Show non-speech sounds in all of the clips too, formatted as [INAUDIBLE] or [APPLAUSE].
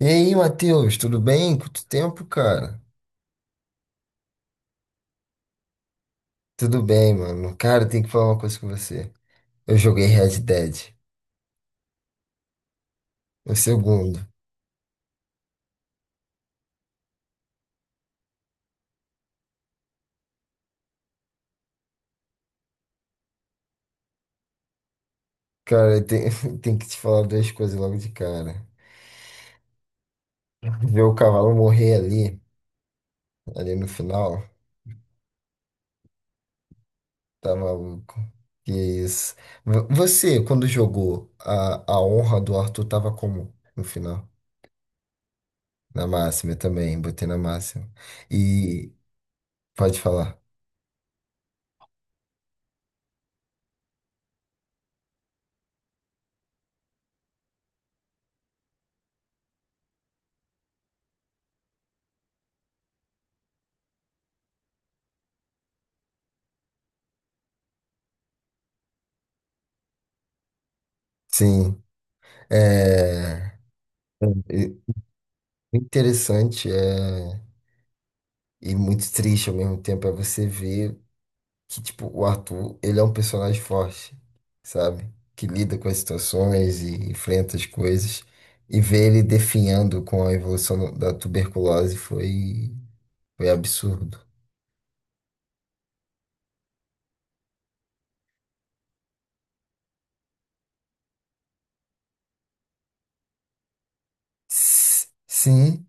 E aí, Matheus, tudo bem? Quanto tempo, cara? Tudo bem, mano. Cara, eu tenho que falar uma coisa com você. Eu joguei Red Dead, o segundo. Cara, eu tenho, [LAUGHS] tenho que te falar duas coisas logo de cara. Ver o cavalo morrer ali, ali no final, tá maluco. Que isso. Você, quando jogou, a honra do Arthur tava como no final? Na máxima eu também, botei na máxima. E pode falar. Sim. É. Interessante, é... e muito triste ao mesmo tempo é você ver que, tipo, o Arthur, ele é um personagem forte, sabe? Que lida com as situações e enfrenta as coisas. E ver ele definhando com a evolução da tuberculose foi, foi absurdo. Sim,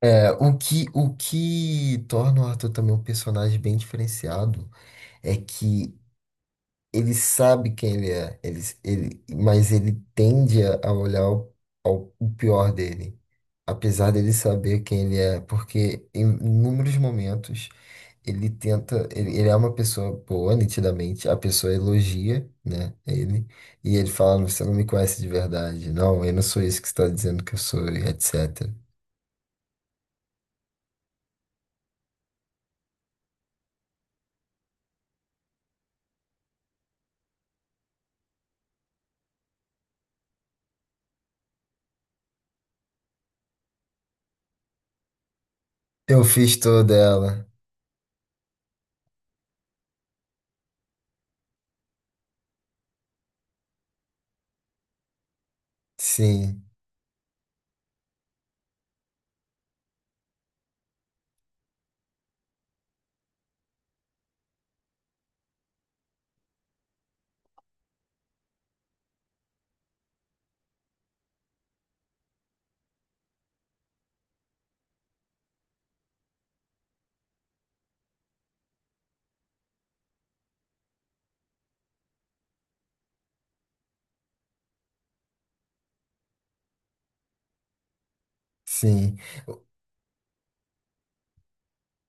é, o que torna o Arthur também um personagem bem diferenciado é que ele sabe quem ele é, ele, mas ele tende a olhar o, o pior dele, apesar dele saber quem ele é, porque em inúmeros momentos ele tenta, ele é uma pessoa boa, nitidamente, a pessoa elogia, né, ele, e ele fala, você não me conhece de verdade, não, eu não sou isso que você está dizendo que eu sou, e etc. Eu fiz toda ela, sim, sim.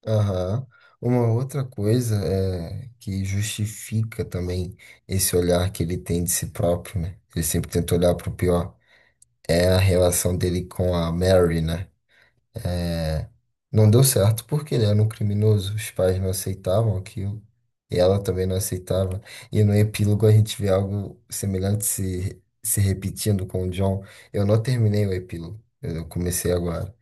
Aham. Uma outra coisa é, que justifica também esse olhar que ele tem de si próprio, né? Ele sempre tenta olhar pro pior. É a relação dele com a Mary, né? É, não deu certo porque ele era um criminoso. Os pais não aceitavam aquilo. E ela também não aceitava. E no epílogo a gente vê algo semelhante se repetindo com o John. Eu não terminei o epílogo. Eu comecei agora.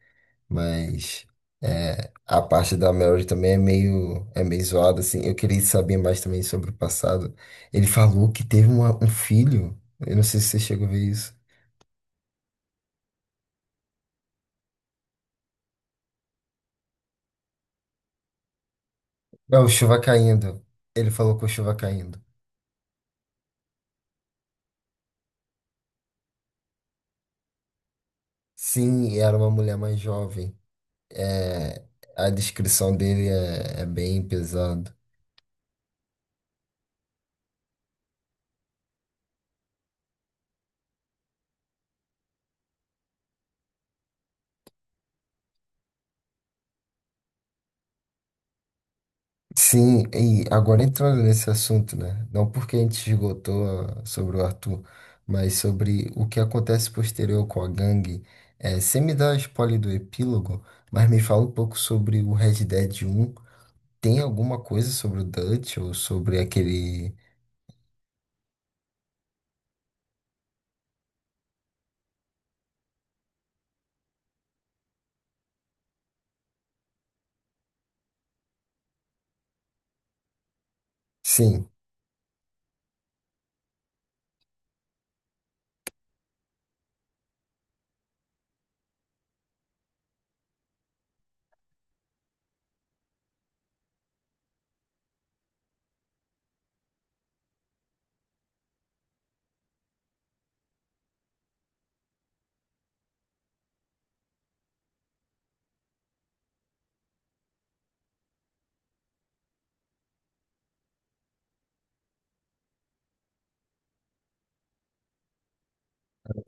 Mas é, a parte da Mary também é meio zoada, assim. Eu queria saber mais também sobre o passado. Ele falou que teve um filho. Eu não sei se você chegou a ver isso. É, o Chuva Caindo. Ele falou com o Chuva Caindo. Sim, e era uma mulher mais jovem. É, a descrição dele é, é bem pesada. Sim, e agora entrando nesse assunto, né? Não porque a gente esgotou ah, sobre o Arthur, mas sobre o que acontece posterior com a gangue. É, você me dá spoiler do epílogo, mas me fala um pouco sobre o Red Dead um. Tem alguma coisa sobre o Dutch ou sobre aquele. Sim,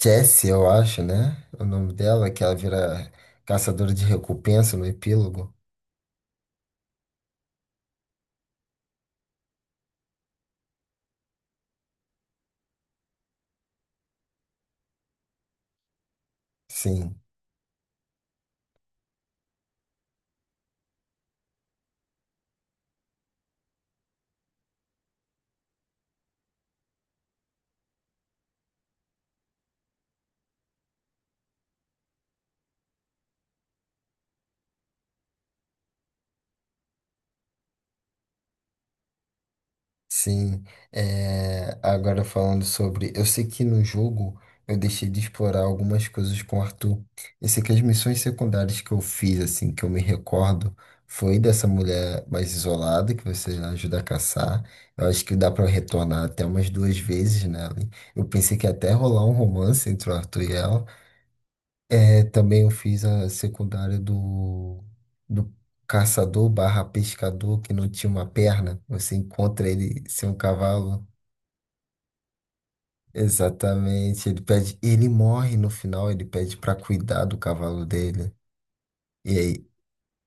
Jessie, eu acho, né? É o nome dela, que ela vira caçadora de recompensa no epílogo. Sim. Sim, é, agora falando sobre. Eu sei que no jogo eu deixei de explorar algumas coisas com o Arthur. Eu sei que as missões secundárias que eu fiz, assim, que eu me recordo, foi dessa mulher mais isolada, que você ajuda a caçar. Eu acho que dá pra retornar até umas duas vezes nela. Eu pensei que ia até rolar um romance entre o Arthur e ela. É, também eu fiz a secundária do, do caçador barra pescador que não tinha uma perna. Você encontra ele sem um cavalo. Exatamente. Ele pede, ele morre no final, ele pede pra cuidar do cavalo dele. E aí,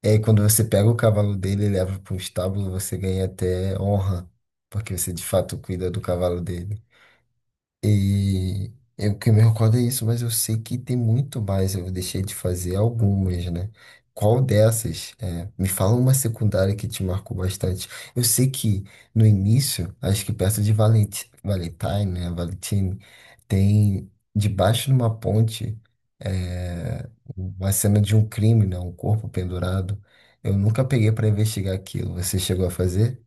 e aí quando você pega o cavalo dele e leva para um estábulo, você ganha até honra, porque você de fato cuida do cavalo dele. E eu que me recordo é isso, mas eu sei que tem muito mais. Eu deixei de fazer algumas, né? Qual dessas? É, me fala uma secundária que te marcou bastante. Eu sei que no início, acho que perto de Valentine, né? Valentine, tem debaixo de uma ponte é, uma cena de um crime, né? Um corpo pendurado. Eu nunca peguei para investigar aquilo. Você chegou a fazer?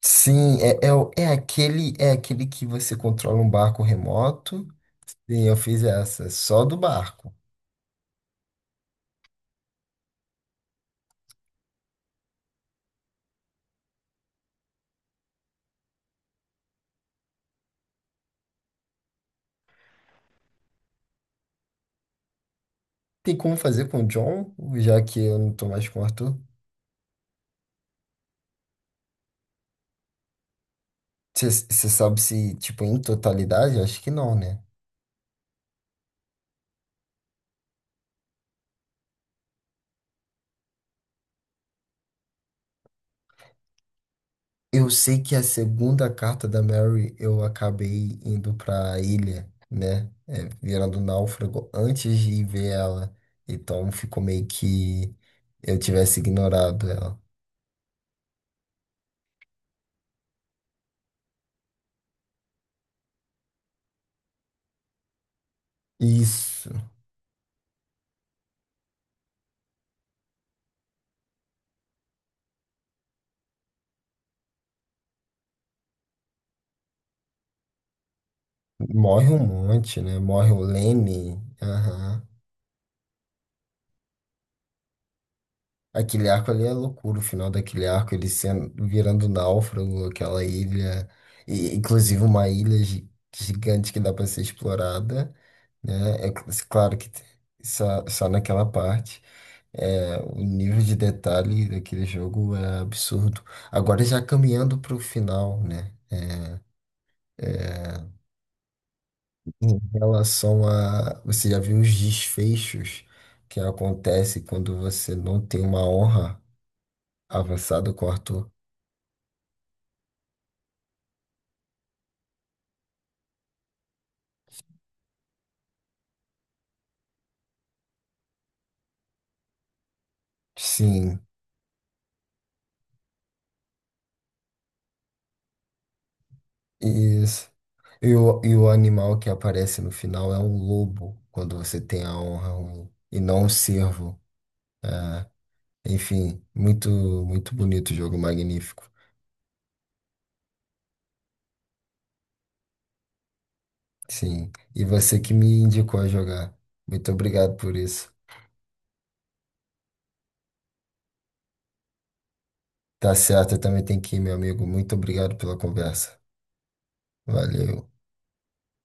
Sim, é aquele que você controla um barco remoto. E eu fiz essa, só do barco. Tem como fazer com o John, já que eu não tô mais com o Arthur? Você sabe se, tipo, em totalidade? Acho que não, né? Eu sei que a segunda carta da Mary eu acabei indo pra ilha, né? É, virando náufrago antes de ver ela. Então ficou meio que eu tivesse ignorado ela. Isso. Morre um monte, né? Morre o Lenny. Aham. Aquele arco ali é loucura, o final daquele arco, ele sendo, virando náufrago, aquela ilha, e, inclusive uma ilha gigante que dá para ser explorada, né? É claro que tem- só naquela parte. É, o nível de detalhe daquele jogo é absurdo. Agora já caminhando para o final, né? É, em relação a, você já viu os desfechos que acontece quando você não tem uma honra avançada com o Arthur? Sim, isso. E o animal que aparece no final é um lobo, quando você tem a honra ruim, e não um cervo. É, enfim, muito, muito bonito o jogo, magnífico. Sim, e você que me indicou a jogar. Muito obrigado por isso. Tá certo, eu também tenho que ir, meu amigo. Muito obrigado pela conversa. Valeu.